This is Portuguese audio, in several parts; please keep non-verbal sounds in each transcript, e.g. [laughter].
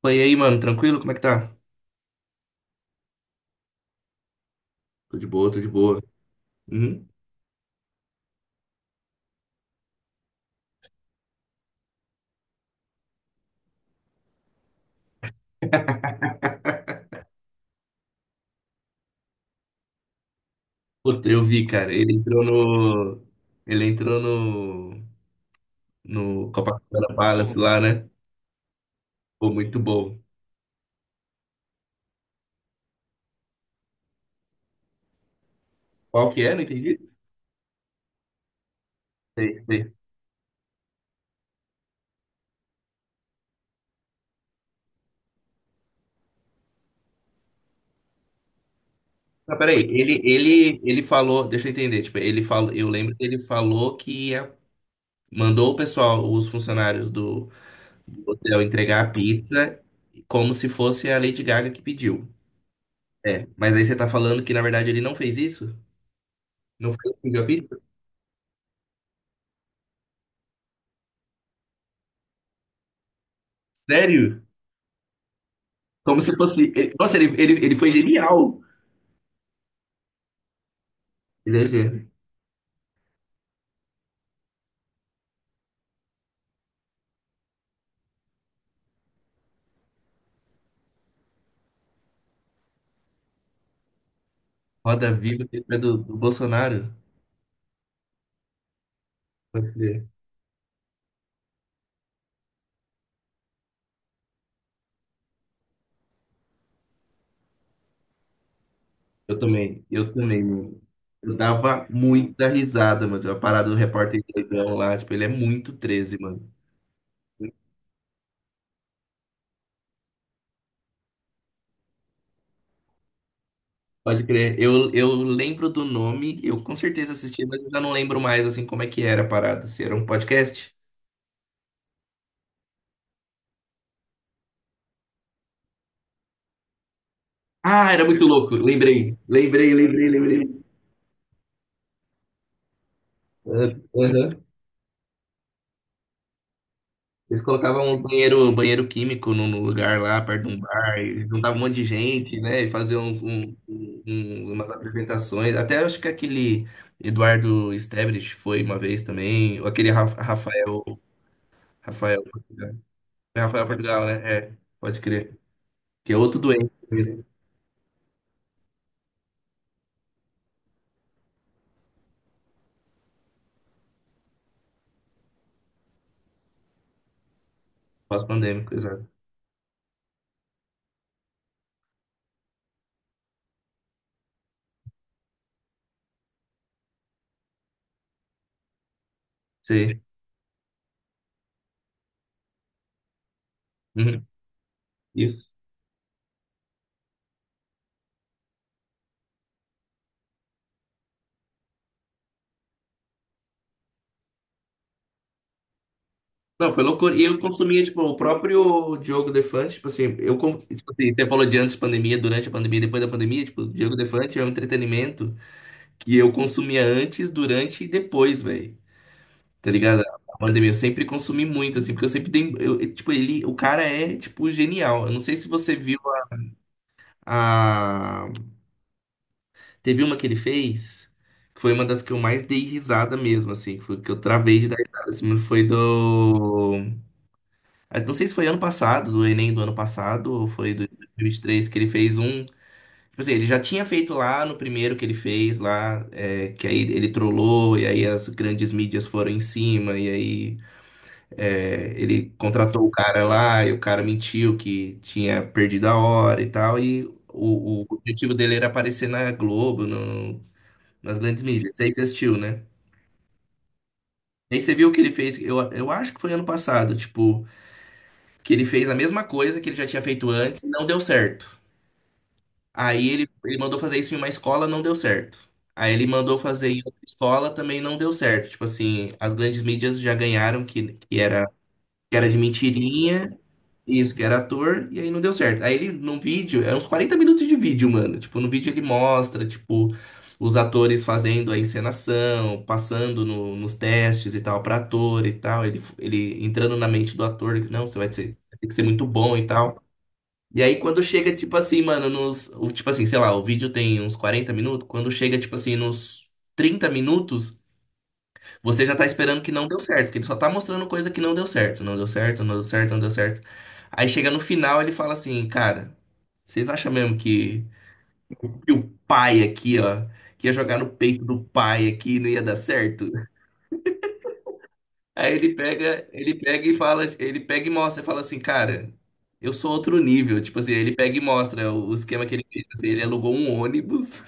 Pô, e aí, mano, tranquilo? Como é que tá? Tô de boa, tô de boa. Uhum. Puta, eu vi, cara. Ele entrou no. Ele entrou no. No Copacabana Palace lá, né? Pô, muito bom. Qual que é? Não entendi. Sei, sei. Ah, peraí. Ele falou. Deixa eu entender. Tipo, ele falou. Eu lembro que ele falou mandou o pessoal, os funcionários do hotel, entregar a pizza como se fosse a Lady Gaga que pediu. É. Mas aí você tá falando que, na verdade, ele não fez isso? Não foi ele que pediu a pizza? Sério? Como se fosse. Nossa, ele foi genial. Ele é gênio. Roda Viva, que é do Bolsonaro. Pode crer. Eu também, mano. Eu dava muita risada, mano. A parada do repórter doidão lá, tipo, ele é muito 13, mano. Pode crer. Eu lembro do nome, eu com certeza assisti, mas eu já não lembro mais, assim, como é que era a parada. Se era um podcast? Ah, era muito louco. Lembrei, lembrei, lembrei, lembrei. Ah, aham. Eles colocavam um banheiro químico num lugar lá, perto de um bar, e juntava um monte de gente, né? E fazia umas apresentações. Até acho que aquele Eduardo Estebrich foi uma vez também, ou aquele Rafael Portugal. É Rafael Portugal, né? É, pode crer. Que é outro doente, né? Pós-pandêmico, exato. Sim. Uhum. Isso. Não, foi loucura. E eu consumia, tipo, o próprio Diogo Defante, tipo assim, tipo assim, você falou de antes da pandemia, durante a pandemia, depois da pandemia, tipo, o Diogo Defante é um entretenimento que eu consumia antes, durante e depois, velho. Tá ligado? A pandemia, eu sempre consumi muito, assim, porque eu sempre dei, eu tipo, ele, o cara é, tipo, genial. Eu não sei se você viu a, teve uma que ele fez, que foi uma das que eu mais dei risada mesmo, assim, que foi que eu travei de dar risada, assim, Não sei se foi ano passado, do Enem do ano passado, ou foi do 2023 que ele fez um. Tipo assim, ele já tinha feito lá no primeiro que ele fez lá, é, que aí ele trollou, e aí as grandes mídias foram em cima, e aí é, ele contratou o cara lá, e o, cara mentiu que tinha perdido a hora e tal, e o objetivo dele era aparecer na Globo, nas grandes mídias. Isso aí você assistiu, né? E aí você viu o que ele fez, eu acho que foi ano passado, tipo, que ele fez a mesma coisa que ele já tinha feito antes e não deu certo. Aí ele mandou fazer isso em uma escola, não deu certo. Aí ele mandou fazer em outra escola, também não deu certo. Tipo assim, as grandes mídias já ganharam que era, que era, de mentirinha, isso, que era ator, e aí não deu certo. Aí ele, num vídeo, é uns 40 minutos de vídeo, mano. Tipo, no vídeo ele mostra, tipo, os atores fazendo a encenação, passando nos testes e tal, pra ator e tal. Ele entrando na mente do ator, que não, você vai ter que ser muito bom e tal. E aí quando chega, tipo assim, mano, tipo assim, sei lá, o vídeo tem uns 40 minutos. Quando chega, tipo assim, nos 30 minutos, você já tá esperando que não deu certo, porque ele só tá mostrando coisa que não deu certo. Não deu certo, não deu certo, não deu certo. Aí chega no final, ele fala assim, cara, vocês acham mesmo que o pai aqui, ó, que ia jogar no peito do pai aqui e não ia dar certo? Aí ele pega e fala, ele pega e mostra, fala assim, cara, eu sou outro nível. Tipo assim, ele pega e mostra o esquema que ele fez. Assim, ele alugou um ônibus,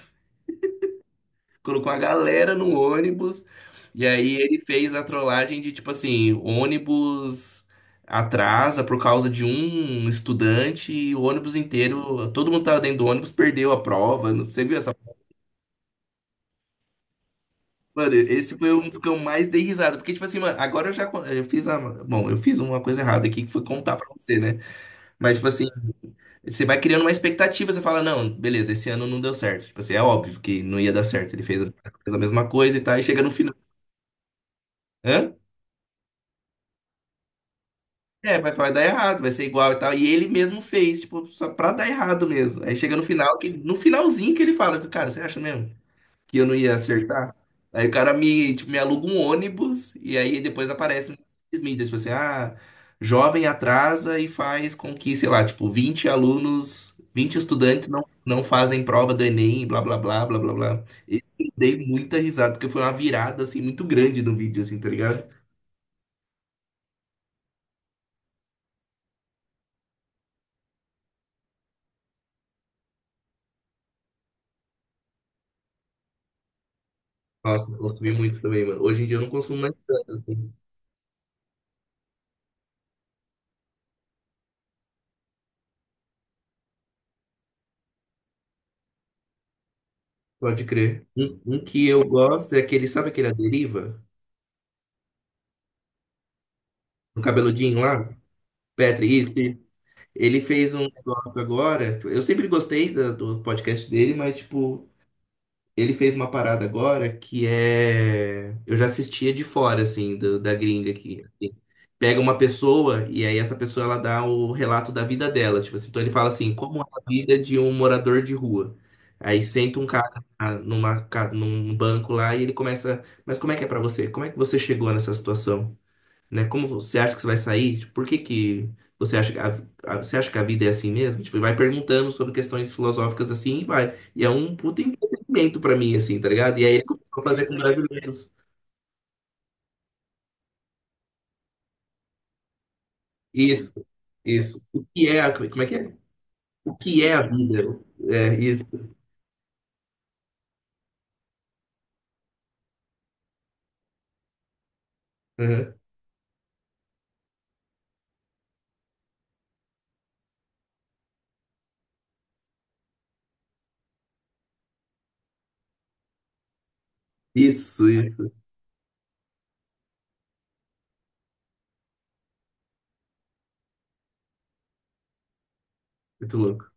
[laughs] colocou a galera no ônibus, e aí ele fez a trollagem de, tipo assim, o ônibus atrasa por causa de um estudante e o ônibus inteiro, todo mundo tava dentro do ônibus, perdeu a prova. Não sei, viu essa. Mano, esse foi um dos que eu mais dei risada. Porque, tipo assim, mano, agora eu fiz a. Bom, eu fiz uma coisa errada aqui que foi contar pra você, né? Mas, tipo assim, você vai criando uma expectativa, você fala, não, beleza, esse ano não deu certo. Tipo assim, é óbvio que não ia dar certo. Ele fez a mesma coisa e tal, e chega no final. Hã? É, vai dar errado, vai ser igual e tal. E ele mesmo fez, tipo, só pra dar errado mesmo. Aí chega no final, que, no finalzinho que ele fala, cara, você acha mesmo? Que eu não ia acertar. Aí o cara me, tipo, me aluga um ônibus e aí depois aparece nas mídias, tipo assim, ah, jovem atrasa e faz com que, sei lá, tipo, 20 estudantes não fazem prova do Enem, blá, blá, blá, blá, blá, blá. Esse eu dei muita risada, porque foi uma virada, assim, muito grande no vídeo, assim, tá ligado? Nossa, eu consumi muito também, mano. Hoje em dia eu não consumo mais tanto, assim. Pode crer. Um que eu gosto é aquele, sabe aquele A Deriva? No cabeludinho lá? Petri, isso. Ele fez um negócio agora. Eu sempre gostei do podcast dele, mas, tipo, ele fez uma parada agora que é. Eu já assistia de fora, assim, da gringa aqui. Pega uma pessoa e aí essa pessoa ela dá o relato da vida dela. Tipo assim, então ele fala assim, como é a vida de um morador de rua. Aí senta um cara num banco lá e ele começa. Mas como é que é pra você? Como é que você chegou nessa situação? Né? Como você acha que você vai sair? Tipo, por que que você acha que você acha que a vida é assim mesmo? Tipo, e vai perguntando sobre questões filosóficas assim e vai. E é um puta entretenimento pra mim, assim, tá ligado? E aí ele começou a fazer com brasileiros. Isso, isso. O que é a, Como é que é? O que é a vida? É, isso. Aham. Isso, isso. Muito louco.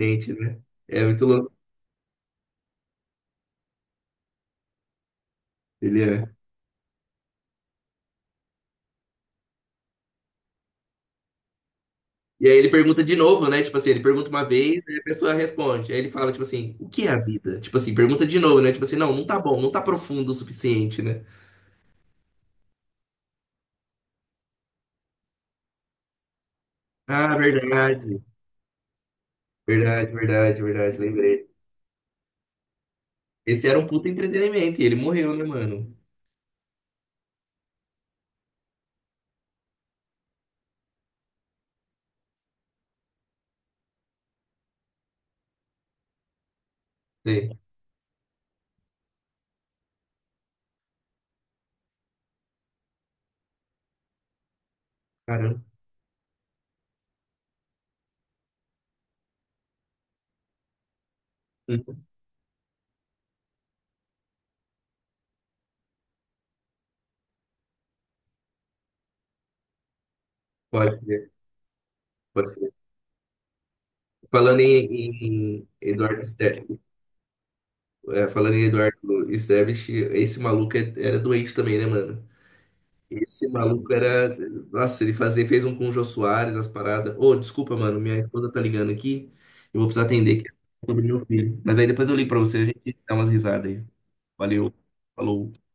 Gente, né? É muito louco. Ele é. E aí ele pergunta de novo, né? Tipo assim, ele pergunta uma vez, aí a pessoa responde. Aí ele fala, tipo assim, o que é a vida? Tipo assim, pergunta de novo, né? Tipo assim, não, não tá bom, não tá profundo o suficiente, né? Ah, verdade. Verdade, verdade, verdade, lembrei. Esse era um puto entretenimento e ele morreu, né, mano? Sei. Caramba. Hum. Pode crer, pode crer. Falando em Eduardo Ster... É, falando em Eduardo Sterblitch, esse maluco era doente também, né, mano? Esse maluco era. Nossa, ele fez um com o Jô Soares, as paradas. Ô, desculpa, mano, minha esposa tá ligando aqui. Eu vou precisar atender, que é sobre meu filho. Mas aí depois eu ligo pra você, a gente dá umas risadas aí. Valeu. Falou.